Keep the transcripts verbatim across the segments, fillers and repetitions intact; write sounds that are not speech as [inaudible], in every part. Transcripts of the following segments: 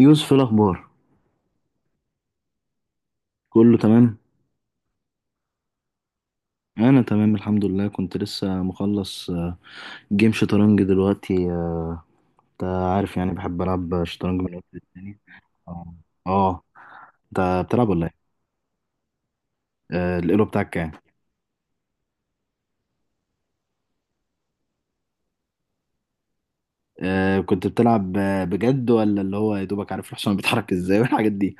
يوسف، إيه الأخبار؟ كله تمام. أنا تمام الحمد لله. كنت لسه مخلص آه، جيم شطرنج دلوقتي. آه، أنت عارف يعني بحب ألعب شطرنج من وقت للتاني. آه. آه، أنت بتلعب ولا إيه؟ آه، الإيلو بتاعك كام؟ آه، كنت بتلعب آه، بجد ولا اللي هو يا دوبك عارف الحصان بيتحرك إزاي والحاجات دي؟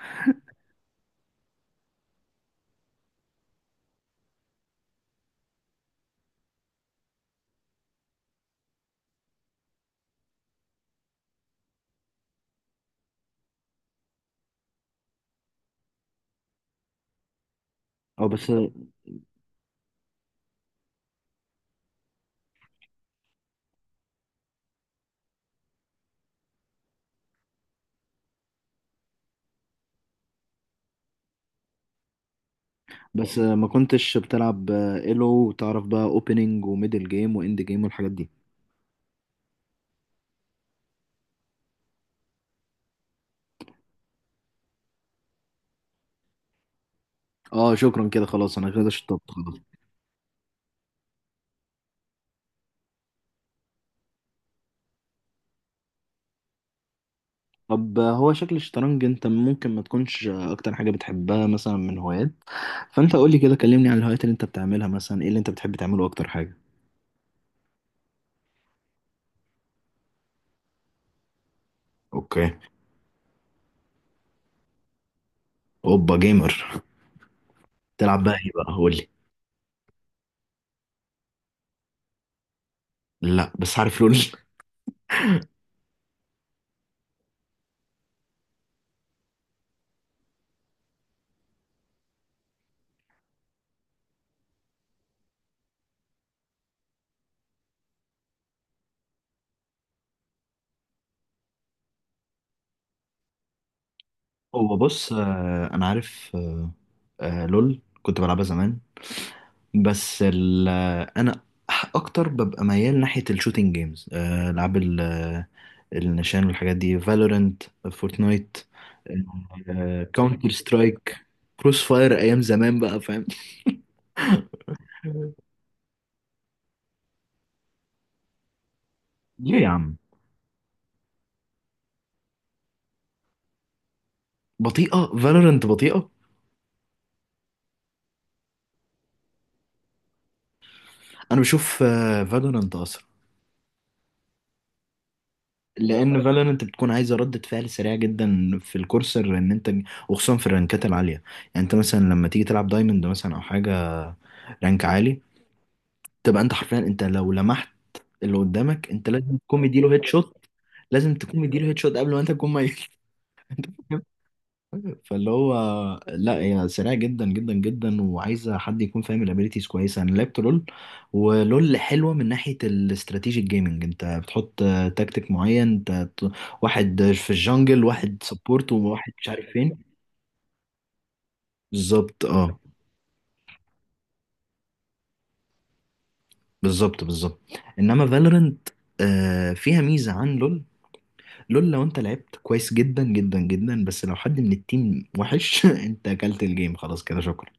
أه، بس بس آه، ما كنتش بتلعب آه، إيلو وتعرف بقى أوبننج وميدل جيم وإند جيم والحاجات دي؟ أه، شكرا كده، خلاص أنا كده شطبت. طب هو شكل الشطرنج انت ممكن ما تكونش اكتر حاجة بتحبها، مثلا من هوايات، فانت قولي كده، كلمني عن الهوايات اللي انت بتعملها. مثلا ايه اللي انت بتحب تعمله اكتر حاجة؟ اوكي. اوبا جيمر، تلعب بقى ايه بقى؟ قولي. لا، بس عارف لول. [laughs] هو بص، آه، انا عارف. آه، آه، لول كنت بلعبها زمان، بس ال انا اكتر ببقى ميال ناحيه الشوتينج جيمز، العاب ال- آه، النشان والحاجات دي. فالورنت، فورتنايت، كاونتر سترايك، كروس فاير ايام زمان بقى، فاهم؟ ليه يا عم؟ بطيئه؟ فالورنت بطيئه؟ انا بشوف فالورنت اسرع، لان فالورنت بتكون عايزه ردة فعل سريعه جدا في الكورسر، ان انت، وخصوصا في الرانكات العاليه، يعني انت مثلا لما تيجي تلعب دايموند مثلا او حاجه، رانك عالي، تبقى انت حرفيا انت لو لمحت اللي قدامك انت لازم تكون مديله هيد شوت، لازم تكون مديله هيد شوت قبل ما انت تكون ميت. [laughs] فاللي هو، لا هي سريعه جدا جدا جدا وعايزه حد يكون فاهم الابيليتيز كويسه. انا لعبت لول، ولول حلوه من ناحيه الاستراتيجيك جيمنج، انت بتحط آه، تكتيك معين، انت ت- واحد في الجنجل، واحد سبورت، وواحد مش عارف فين. بالظبط. اه بالظبط، بالظبط. انما فالورنت فيها ميزه عن لول. لول لو انت لعبت كويس جدا جدا جدا بس لو حد من التيم وحش [laughs] انت اكلت الجيم خلاص كده، شكرا.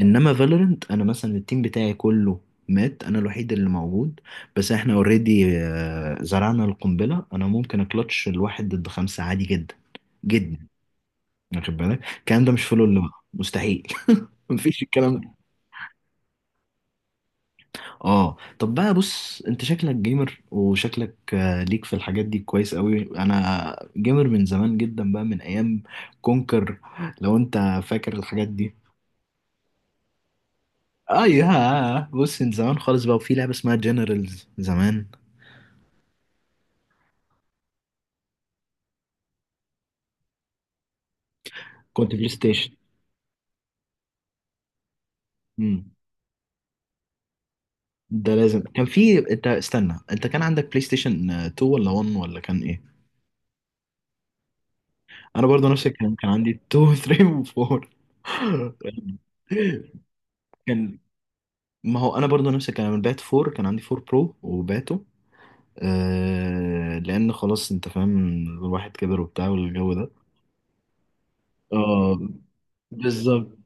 انما فالورنت انا مثلا التيم بتاعي كله مات، انا الوحيد اللي موجود، بس احنا اوريدي زرعنا القنبله، انا ممكن اكلتش الواحد ضد خمسه عادي جدا جدا. واخد بالك الكلام ده مش في لول بقى، مستحيل. [laughs] مفيش الكلام. اه طب بقى بص، انت شكلك جيمر وشكلك آه، ليك في الحاجات دي كويس قوي. انا جيمر من زمان جدا بقى، من ايام كونكر. لو انت فاكر الحاجات دي. اه يا بص، من زمان خالص بقى، وفي لعبة اسمها جنرالز زمان. كنت بلاي ستيشن. امم، ده لازم كان في، انت استنى، انت كان عندك بلاي ستيشن آه، اتنين ولا واحد ولا كان ايه؟ انا برضو نفس الكلام، كان عندي اتنين، تلاته و اربعه. [laughs] كان، ما هو انا برضو نفس الكلام، البات اربعه، كان عندي اربعه برو وباته. آه لان خلاص انت فاهم، الواحد كبر وبتاع والجو ده. اه بالظبط.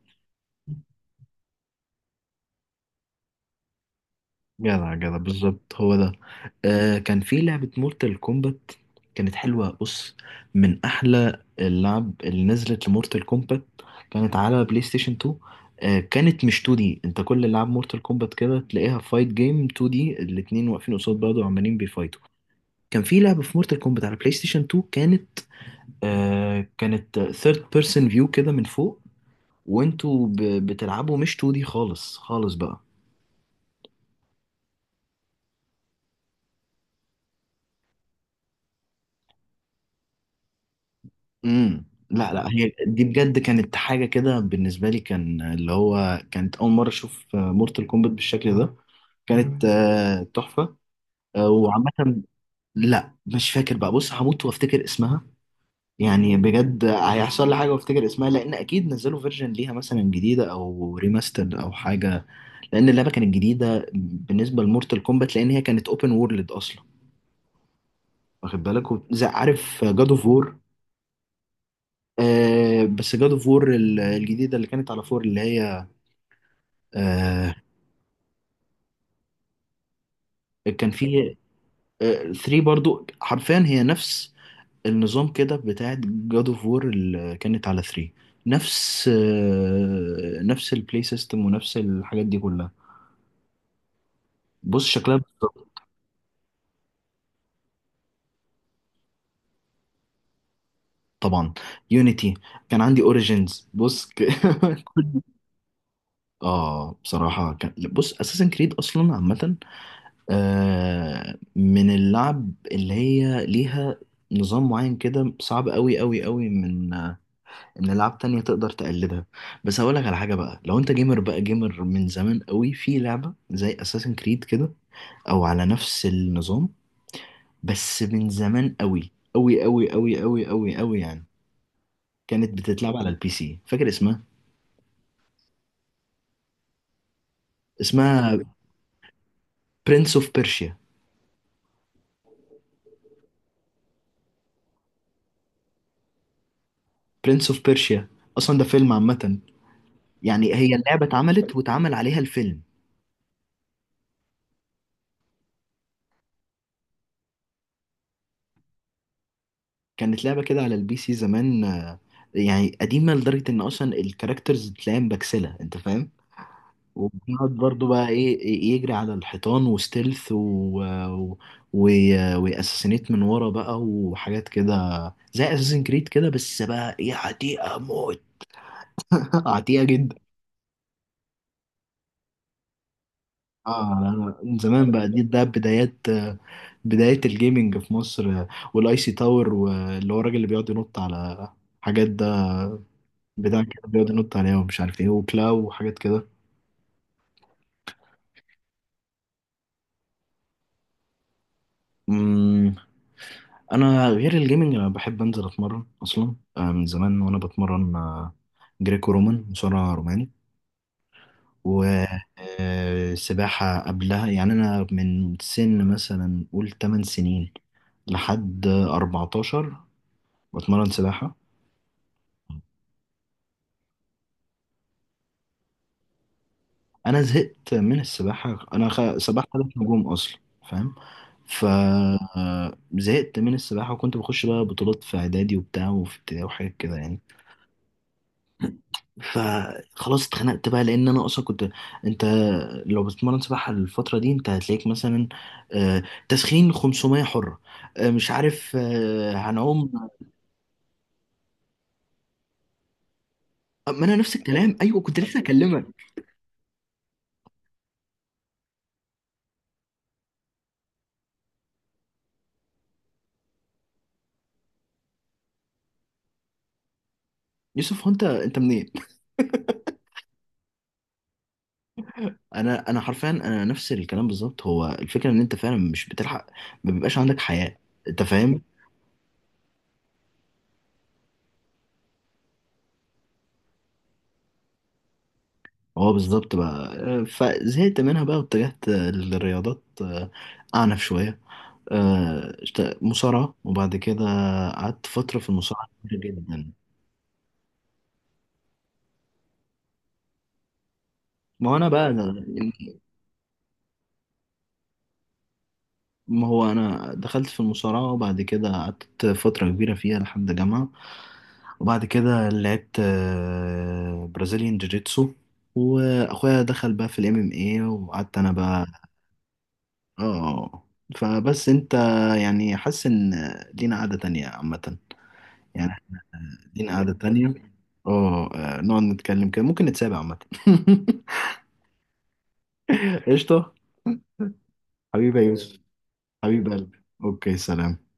جدع جدع، بالظبط هو ده. آه كان في لعبة مورتال كومبات كانت حلوة بص، من أحلى اللعب اللي نزلت لمورتال كومبات، كانت على بلاي ستيشن اتنين. آه كانت مش اتنين دي، انت كل اللعب مورتال كومبات كده تلاقيها فايت جيم، اتنين دي الاتنين واقفين قصاد بعض وعمالين بيفايتوا. كان في لعبة في مورتال كومبات على بلاي ستيشن اتنين كانت، آه كانت ثيرد بيرسون فيو كده من فوق، وانتوا ب- بتلعبوا، مش اتنين دي خالص خالص بقى. امم لا لا، هي دي بجد كانت حاجة كده بالنسبة لي، كان اللي هو كانت أول مرة أشوف مورتال كومبات بالشكل ده. كانت آه، تحفة. آه، وعامة، لا مش فاكر بقى، بص هموت وافتكر اسمها، يعني بجد هيحصل لي حاجه وافتكر اسمها، لان اكيد نزلوا فيرجن ليها مثلا جديده او ريماسترد او حاجه، لان اللعبه كانت جديده بالنسبه لمورتال كومبات، لان هي كانت اوبن وورلد اصلا. واخد بالك وب- زي عارف جاد اوف وور؟ آه بس جاد اوف وور الجديده اللي كانت على فور اللي هي، آه كان في تلاته برضو، حرفيا هي نفس النظام كده بتاعت جاد اوف وور اللي كانت على تلاته، نفس آه، نفس البلاي سيستم ونفس الحاجات دي كلها، بص شكلها بالظبط. طبعا، يونيتي، كان عندي اوريجينز بص ك... [laughs] اه بصراحة كان بص، اساسن كريد اصلا عامة آه من اللعب اللي هي ليها نظام معين كده صعب قوي قوي قوي، من آه، ان لعب تانية تقدر تقلدها. بس هقول لك على حاجة بقى، لو انت جيمر بقى، جيمر من زمان قوي، في لعبة زي اساسن كريد كده، او على نفس النظام، بس من زمان قوي قوي قوي قوي قوي قوي قوي يعني، كانت بتتلعب على البي سي، فاكر اسمها؟ اسمها برنس اوف بيرشيا. برنس اوف بيرشيا، اصلا ده فيلم عامه، يعني هي اللعبه اتعملت واتعمل عليها الفيلم. كانت لعبه كده على البي سي زمان، آه، يعني قديمه لدرجه ان اصلا الكاركترز تلاقيها مبكسله، انت فاهم. وبنقعد برضه بقى، ايه إيه، يجري على الحيطان وستيلث، و... و... و... واساسينيت من ورا بقى وحاجات كده، زي اساسن كريد كده بس بقى ايه، عتيقه موت. [laughs] عتيقه جدا. اه أنا من زمان بقى، دي ده بدايات، بداية الجيمنج في مصر، والاي سي تاور، واللي هو الراجل اللي بيقعد ينط على حاجات ده، بتاع كده بيقعد ينط عليها ومش عارف ايه، وكلاو وحاجات كده. أمم، انا غير الجيمنج انا بحب انزل اتمرن اصلا، آه، من زمان وانا بتمرن آه، جريكو رومان، مصارع روماني، وسباحة قبلها، يعني انا من سن مثلا قول تمن سنين لحد اربعتاشر بتمرن سباحة. انا زهقت من السباحه، انا خ... سباحه ثلاث نجوم اصلا، فاهم؟ ف آه، زهقت من السباحه وكنت بخش بقى بطولات في اعدادي وبتاع وفي ابتدائي وحاجات كده يعني. فخلاص اتخنقت بقى، لان انا اصلا كنت، انت لو بتتمرن سباحه الفتره دي انت هتلاقيك مثلا آه، تسخين خمسمية حره، آه، مش عارف آه، هنعوم. آه، ما انا نفس الكلام ايوه، كنت لسه اكلمك. يوسف هو انت انت منين؟ انا انا حرفيا انا نفس الكلام بالظبط، هو الفكره ان انت فعلا مش بتلحق، ما بيبقاش عندك حياه، انت فاهم. هو بالظبط بقى، آه، فزهقت منها بقى واتجهت آه، للرياضات آه، اعنف شويه، آه، اشت- مصارعه، وبعد كده قعدت فتره في المصارعه كبيرة جدا. ما هو انا بقى، ما هو انا دخلت في المصارعه، وبعد كده قعدت فتره كبيره فيها لحد جامعه، وبعد كده لعبت آه، برازيليان جوجيتسو، واخويا دخل بقى في الام ام اي، وقعدت انا بقى. اه. فبس انت، يعني حاسس ان لينا قعده تانية عامه، يعني لينا قعده تانية. اه، آه، نقعد نتكلم كده، ممكن نتسابق عامه. [laughs] قشطه. حبيبي يا يوسف. حبيب قلبي. اوكي سلام.